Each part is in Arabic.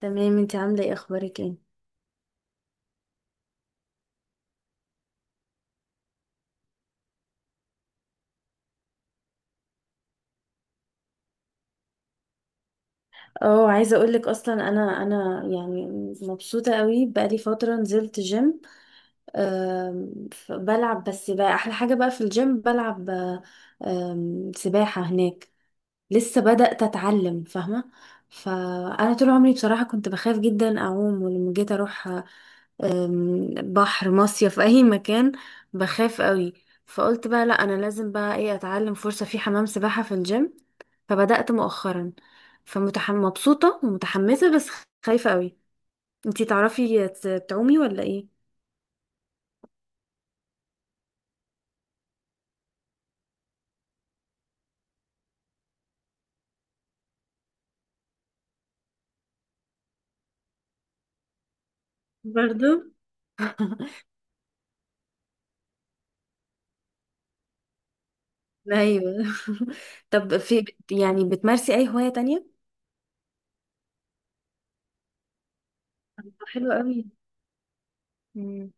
تمام، انت عامله ايه؟ اخبارك ايه؟ اه، عايزه اقول لك اصلا انا يعني مبسوطه قوي، بقالي فتره نزلت جيم. بلعب، بس بقى احلى حاجه بقى في الجيم بلعب سباحه هناك. لسه بدأت اتعلم، فاهمه؟ فانا طول عمري بصراحه كنت بخاف جدا اعوم، ولما جيت اروح بحر، مصيف، اي مكان، بخاف قوي. فقلت بقى لا، انا لازم بقى ايه، اتعلم، فرصه في حمام سباحه في الجيم. فبدأت مؤخرا. مبسوطة ومتحمسة، بس خايفة قوي. انتي تعرفي تعومي ولا ايه؟ برضو. ايوه. طب في يعني بتمارسي اي هواية تانية؟ حلو قوي. مم.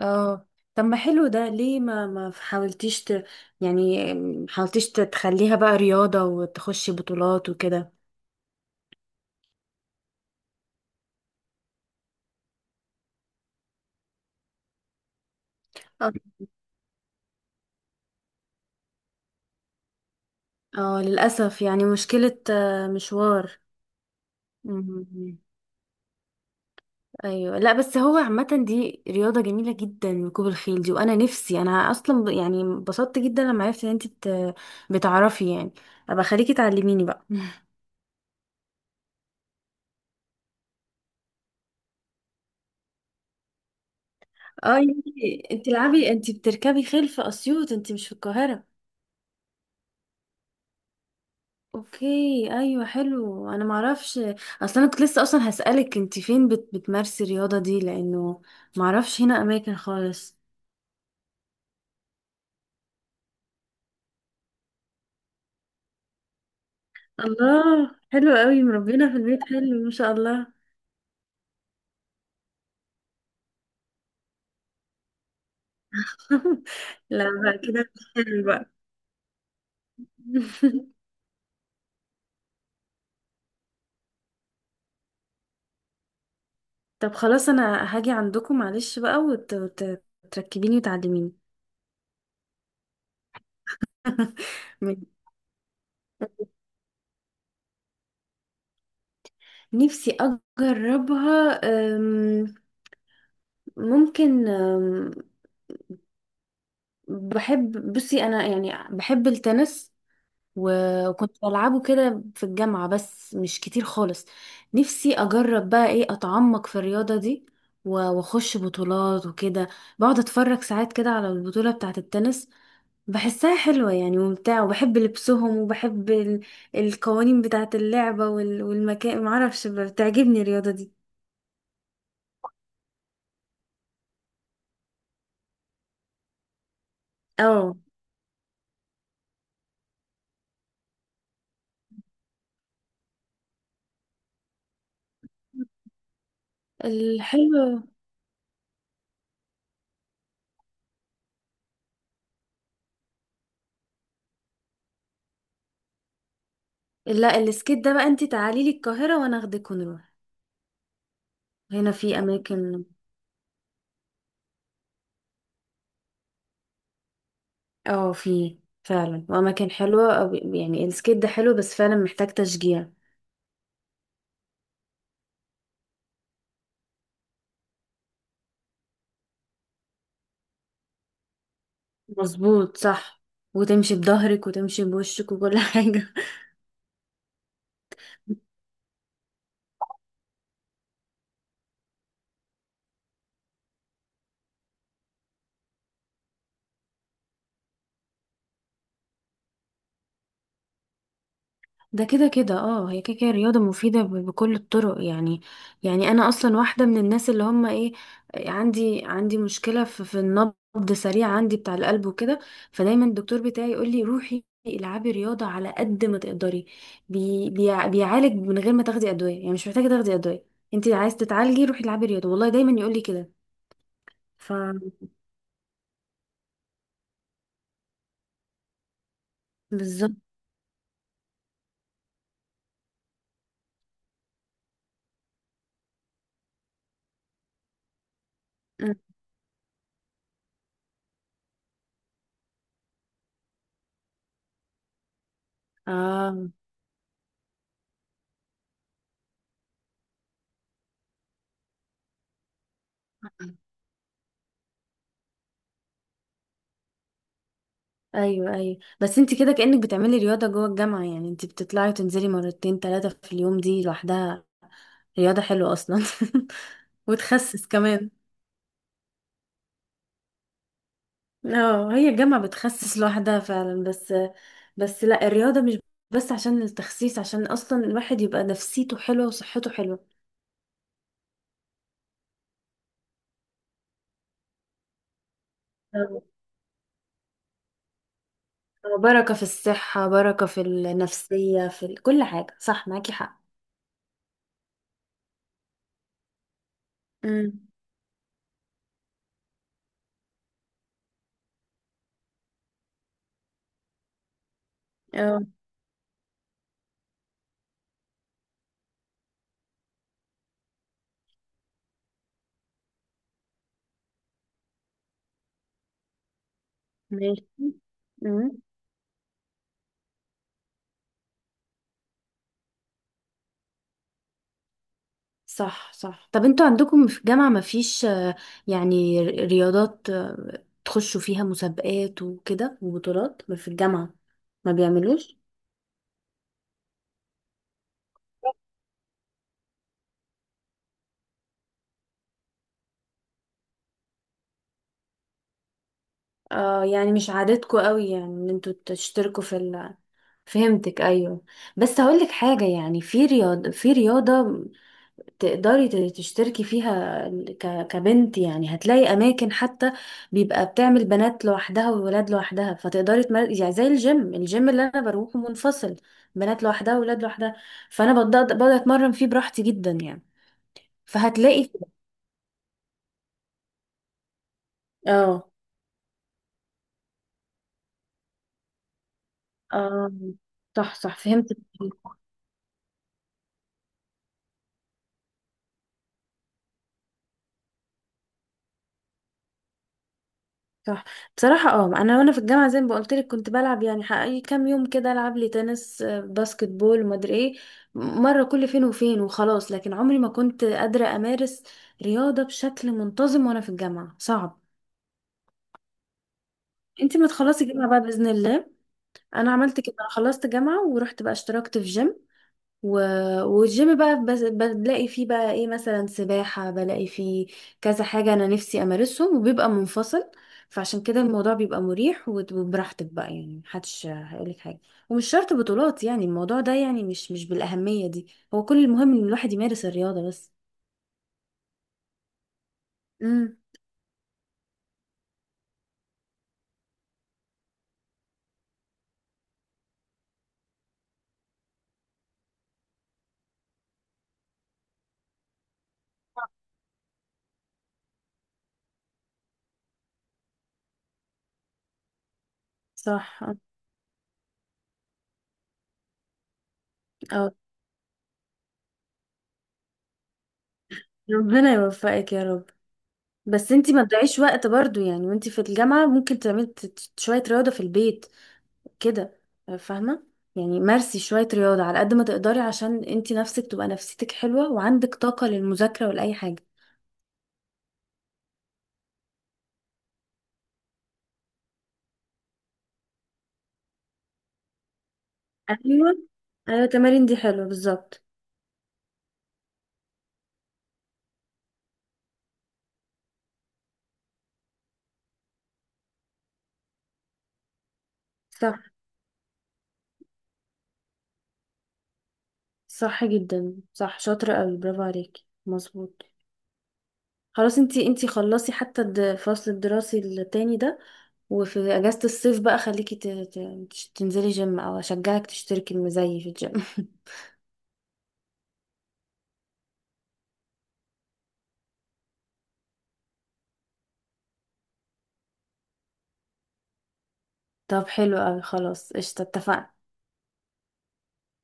اه، طب ما حلو ده، ليه ما حاولتيش؟ يعني ما حاولتيش تخليها بقى رياضة وتخشي بطولات وكده. آه. اه، للأسف يعني مشكلة، مشوار. مم. ايوه، لا بس هو عامة دي رياضة جميلة جدا ركوب الخيل دي، وانا نفسي انا اصلا يعني انبسطت جدا لما عرفت ان انت. بتعرفي يعني، ابقى خليكي تعلميني بقى. اه، انت العبي، انت بتركبي خيل في اسيوط، انت مش في القاهرة؟ اوكي. ايوه، حلو، انا معرفش. اصلا انا كنت لسه اصلا هسألك انت فين بتمارسي الرياضة دي، لانه معرفش هنا اماكن خالص. الله، حلو قوي، مربينا في البيت، حلو ما شاء الله. لا بقى كده حلو بقى. طب خلاص، انا هاجي عندكم معلش بقى وتركبيني وتعلميني. من- نفسي اجربها. أم، ممكن. بحب بصي انا، يعني بحب التنس، وكنت بلعبه كده في الجامعة، بس مش كتير خالص. نفسي اجرب بقى ايه، اتعمق في الرياضة دي، و- واخش بطولات وكده. بقعد اتفرج ساعات كده على البطولة بتاعة التنس. بحسها حلوة، يعني ممتعة، وبحب لبسهم، وبحب. القوانين بتاعة اللعبة والمكان، معرفش، بتعجبني الرياضة دي. اه. الحلو. لا، السكيت ده بقى انتي تعالي لي القاهرة وانا اخدك ونروح، هنا في اماكن. اه في، فعلا، واماكن حلوة، أو يعني السكيت ده حلو بس فعلا محتاج تشجيع. مظبوط صح، وتمشي بظهرك وتمشي بوشك وكل حاجة. ده كده كده، اه هي كده كده رياضة مفيدة بكل الطرق يعني. يعني انا اصلا واحدة من الناس اللي هم ايه، عندي مشكلة في النبض سريع عندي بتاع القلب وكده. فدايما الدكتور بتاعي يقول لي روحي العبي رياضة على قد ما تقدري. بيعالج من غير ما تاخدي ادوية، يعني مش محتاجة تاخدي ادوية. انت عايز تتعالجي؟ روحي العبي رياضة، والله دايما يقول لي كده. ف بالظبط. اه، ايوه، ايوه، بس انت كده كأنك بتعملي رياضة جوه الجامعة، يعني انت بتطلعي تنزلي مرتين ثلاثة في اليوم دي لوحدها، رياضة حلوة اصلا. وتخسس كمان. اه، هي الجامعة بتخسس لوحدها فعلا بس. بس لا الرياضة مش. بس عشان التخسيس، عشان اصلا الواحد يبقى نفسيته حلوة وصحته حلوة. آه، بركة في الصحة، بركة في النفسية، في كل حاجة، صح معاكي حق. امم. اه. ماشي. صح، صح، طب انتوا عندكم في الجامعة مفيش يعني رياضات تخشوا فيها مسابقات وكده وبطولات في الجامعة؟ ما بيعملوش؟ اه، يعني مش عادتكم قوي، يعني ان انتوا تشتركوا في فهمتك، ايوه. بس هقول لك حاجة، يعني في رياضة تقدري تشتركي فيها، كبنت يعني، هتلاقي اماكن حتى بيبقى بتعمل بنات لوحدها وولاد لوحدها، يعني زي الجيم اللي انا بروحه منفصل، بنات لوحدها وولاد لوحدها، فانا بقدر اتمرن فيه براحتي جدا يعني. فهتلاقي. اه. اه، صح، صح، فهمت. صح، بصراحة، اه، وانا في الجامعة زي ما قلت لك كنت بلعب يعني حقيقي، كام يوم كده العب لي تنس، باسكت بول ومدري ايه، مرة كل فين وفين وخلاص، لكن عمري ما كنت قادرة امارس رياضة بشكل منتظم وانا في الجامعة صعب. انتي ما تخلصي جامعة بقى بإذن الله. انا عملت كده، انا خلصت جامعة ورحت بقى اشتركت في جيم و... والجيم بقى بس بلاقي فيه بقى ايه مثلا سباحة، بلاقي فيه كذا حاجة انا نفسي امارسهم، وبيبقى منفصل. فعشان كده الموضوع بيبقى مريح وبراحتك بقى يعني، محدش هيقولك حاجة، ومش شرط بطولات، يعني الموضوع ده يعني مش بالأهمية دي. هو كل المهم ان الواحد يمارس الرياضة بس. امم. صح. اه. آه. ربنا يوفقك يا رب. بس انتي ما تضيعيش وقت برضو، يعني وانتي في الجامعة ممكن تعملي شوية رياضة في البيت كده، فاهمة؟ يعني مارسي شوية رياضة على قد ما تقدري عشان انتي نفسك تبقى نفسيتك حلوة، وعندك طاقة للمذاكرة ولأي حاجة. ايوه، ايوه، التمارين دي حلوة بالظبط. صح، صح جدا، صح، شاطرة قوي، برافو عليكي، مظبوط. خلاص، انتي خلصي حتى الفصل الدراسي التاني ده، وفي اجازة الصيف بقى خليكي تنزلي جيم او اشجعك تشتركي المزي في الجيم. طب حلو قوي خلاص قشطة اتفقنا.